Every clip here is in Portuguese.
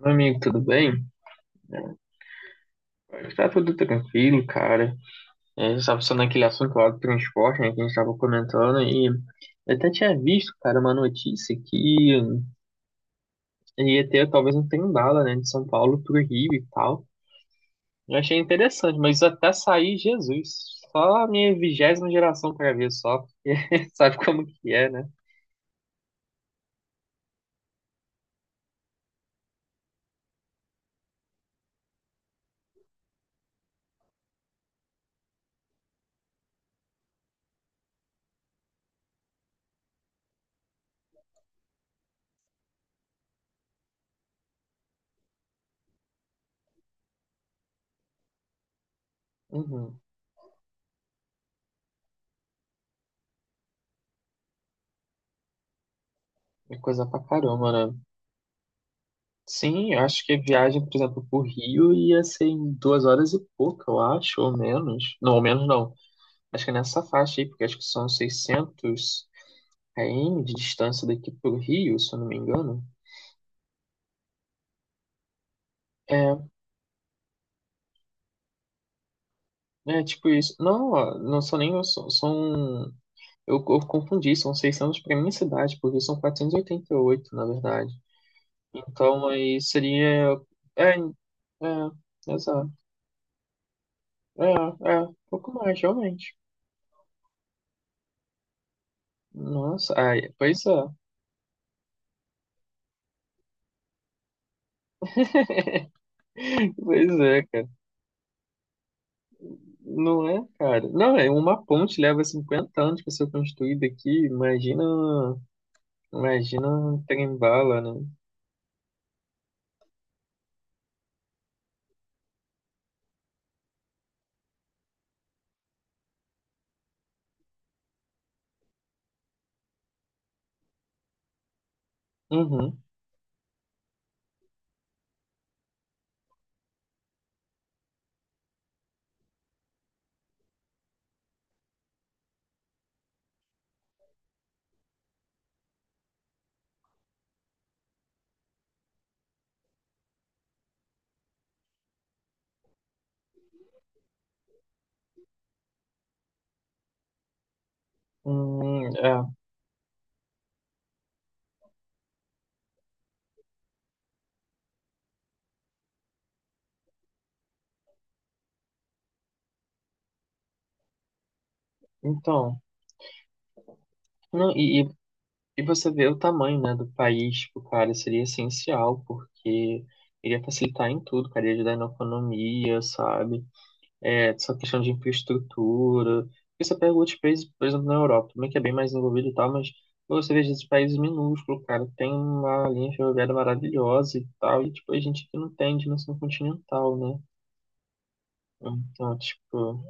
Meu amigo, tudo bem? Tá tudo tranquilo, cara. A gente estava falando naquele assunto lá do transporte, né, que a gente estava comentando, e eu até tinha visto, cara, uma notícia que ia ter talvez um trem bala, né, de São Paulo pro Rio e tal. Eu achei interessante, mas até sair, Jesus, só a minha 20ª geração pra ver só, porque sabe como que é, né? Uhum. É coisa pra caramba, né? Sim, eu acho que a viagem, por exemplo, pro Rio ia ser em 2 horas e pouco, eu acho, ou menos. Não, ou menos não. Acho que é nessa faixa aí, porque acho que são 600 km de distância daqui pro Rio, se eu não me engano. É, é tipo isso. Não, ó, não são nem. Eu confundi, são 600 para minha cidade, porque são quatrocentos e oitenta e oito, na verdade. Então aí seria. É, é, exato. É, pouco mais, realmente. Nossa, ai, pois é. Pois é, cara. Não é, cara? Não, é uma ponte leva 50 anos para ser construída aqui. Imagina, imagina um trem-bala, né? Uhum. É. Então, não, e você vê o tamanho, né, do país, tipo, cara, seria essencial, porque iria facilitar em tudo, cara, ia ajudar na economia, sabe? É, essa questão de infraestrutura. Porque você pega outros países, por exemplo, na Europa, também que é bem mais envolvido e tal, mas quando você vê esses países minúsculos, cara, tem uma linha ferroviária maravilhosa e tal, e tipo, a gente que não tem dimensão continental, né? Então, tipo,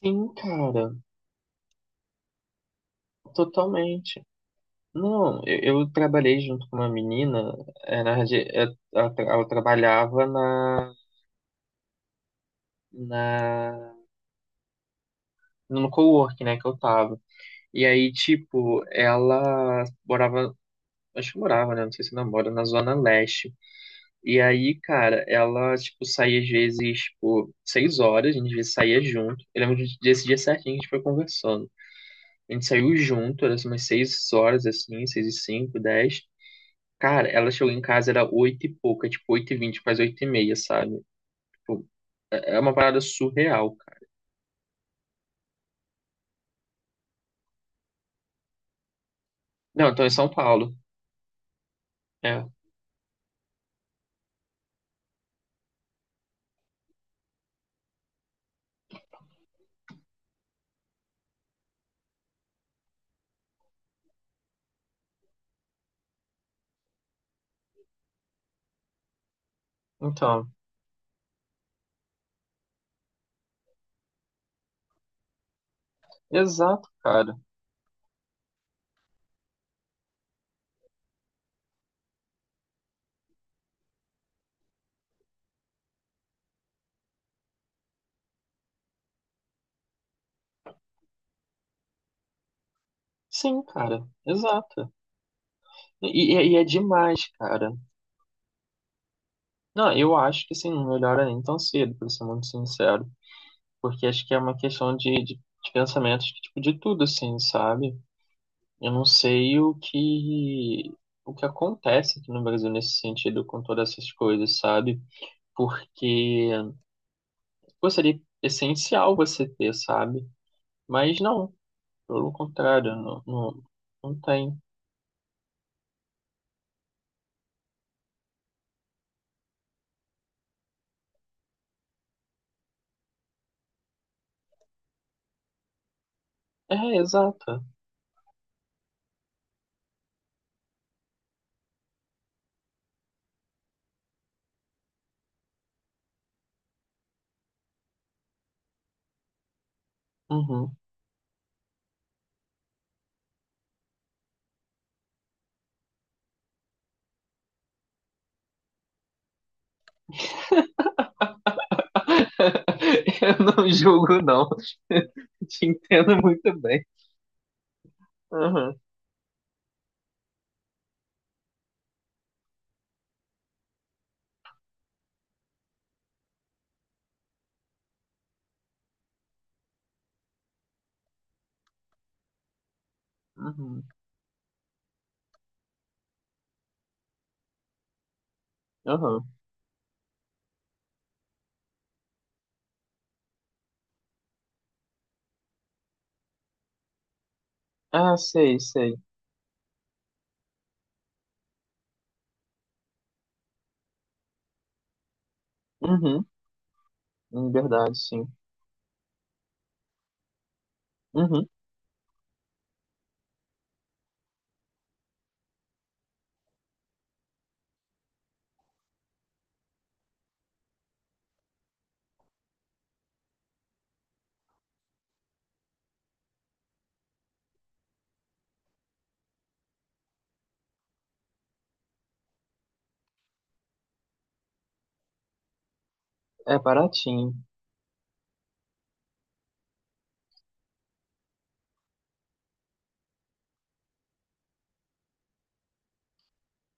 sim, cara, totalmente. Não, eu trabalhei junto com uma menina, é, na, radi- é, ela, ela trabalhava na, no cowork, né, que eu tava. E aí, tipo, ela morava acho que morava, né? Não sei se ainda mora, na Zona Leste. E aí, cara, ela, tipo, saía às vezes, tipo, 6 horas, a gente às vezes saía junto. Eu lembro desse dia certinho, a gente foi conversando. A gente saiu junto, era assim, umas 6 horas, assim, seis e cinco, dez. Cara, ela chegou em casa, era oito e pouca, tipo, 8h20, quase 8h30, sabe? Tipo, é uma parada surreal, cara. Não, então em São Paulo. É, então, exato, cara. Sim, cara, exato. E, e, é demais, cara. Não, eu acho que assim, não melhora nem tão cedo, pra ser muito sincero. Porque acho que é uma questão de pensamentos, de, tipo, de tudo, assim, sabe? Eu não sei o que acontece aqui no Brasil nesse sentido, com todas essas coisas, sabe? Porque pô, seria essencial você ter, sabe? Mas não, pelo contrário, não, não, não tem. É, exato. Uhum. Eu não julgo, não. Te entendo muito bem. Uhum. Uhum. Uhum. Ah, sei, sei. Uhum. Verdade, sim. Uhum. É baratinho.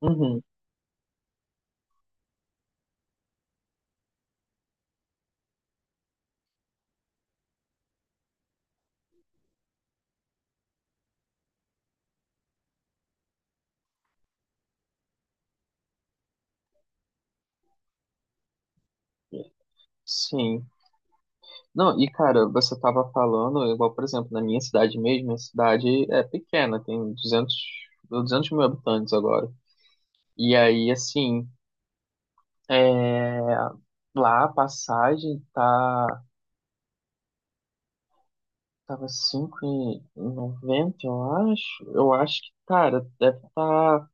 Uhum. Sim. Não, e cara, você tava falando, igual, por exemplo, na minha cidade mesmo, minha cidade é pequena, tem 200, 200 mil habitantes agora. E aí, assim, é, lá a passagem tava 5,90 eu acho. Eu acho que, cara, deve estar.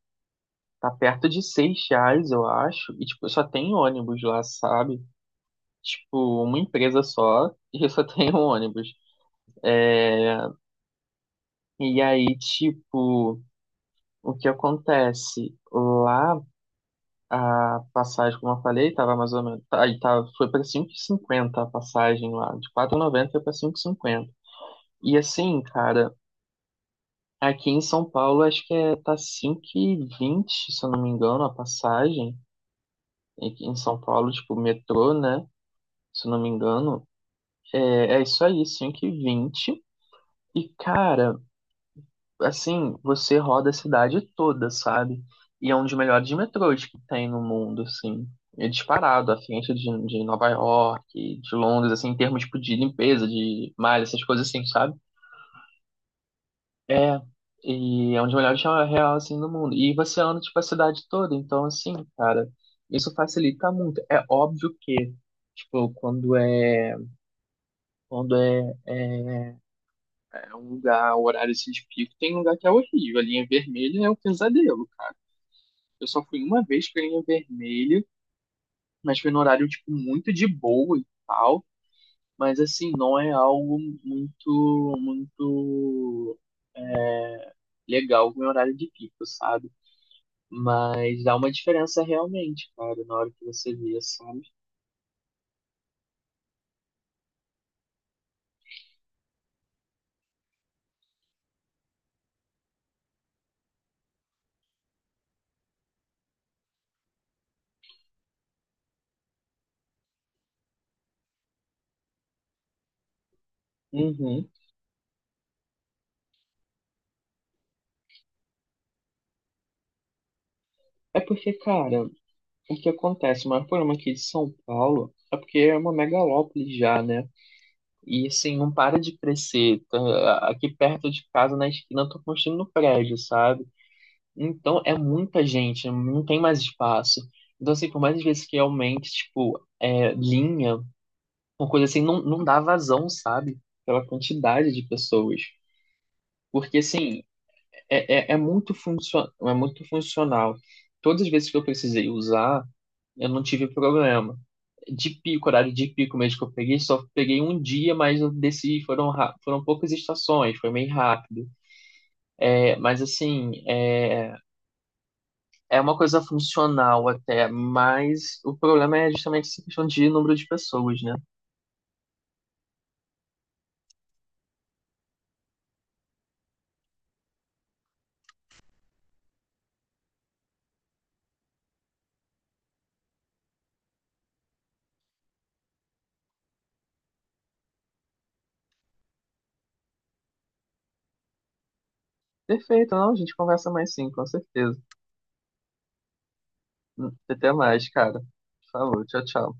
Tá perto de 6 reais, eu acho. E, tipo, só tem ônibus lá, sabe? Tipo, uma empresa só e só tem um ônibus. E aí, tipo, o que acontece? Lá, a passagem, como eu falei, tava mais ou menos... Aí tá, foi pra 5,50 a passagem lá. De 4,90 foi pra cinco e cinquenta e assim, cara, aqui em São Paulo, acho que é, tá 5,20 se eu não me engano, a passagem. Aqui em São Paulo, tipo, metrô, né? Se eu não me engano. É, é isso aí, 5 h vinte. E, cara, assim, você roda a cidade toda, sabe? E é um dos melhores metrôs que tem no mundo, assim. É disparado, à frente de Nova York, de Londres, assim, em termos, tipo, de limpeza, de malha, essas coisas assim, sabe? É, e é um dos melhores real, assim, do mundo. E você anda, tipo, a cidade toda. Então, assim, cara, isso facilita muito. É óbvio que, tipo, quando é um lugar, o horário assim de pico, tem um lugar que é horrível. A linha vermelha é um pesadelo, cara. Eu só fui uma vez pra linha vermelha, mas foi no horário, tipo, muito de boa e tal. Mas, assim, não é algo muito, muito legal com o horário de pico, sabe? Mas dá uma diferença realmente, cara, na hora que você vê, sabe? Uhum. É porque, cara, o que acontece? O maior problema aqui de São Paulo é porque é uma megalópole já, né? E assim, não para de crescer. Tá, aqui perto de casa, na esquina, eu tô construindo um prédio, sabe? Então é muita gente, não tem mais espaço. Então, assim, por mais às vezes que aumente, tipo, é, linha, uma coisa assim, não, não dá vazão, sabe? Pela quantidade de pessoas. Porque, assim, é muito funcional. Todas as vezes que eu precisei usar, eu não tive problema. De pico, horário de pico mesmo que eu peguei, só peguei um dia, mas eu desci, foram poucas estações, foi meio rápido. É, mas assim, é uma coisa funcional até, mas o problema é justamente essa questão de número de pessoas, né? Perfeito, não, a gente conversa mais sim, com certeza. Até mais, cara. Falou, tchau, tchau.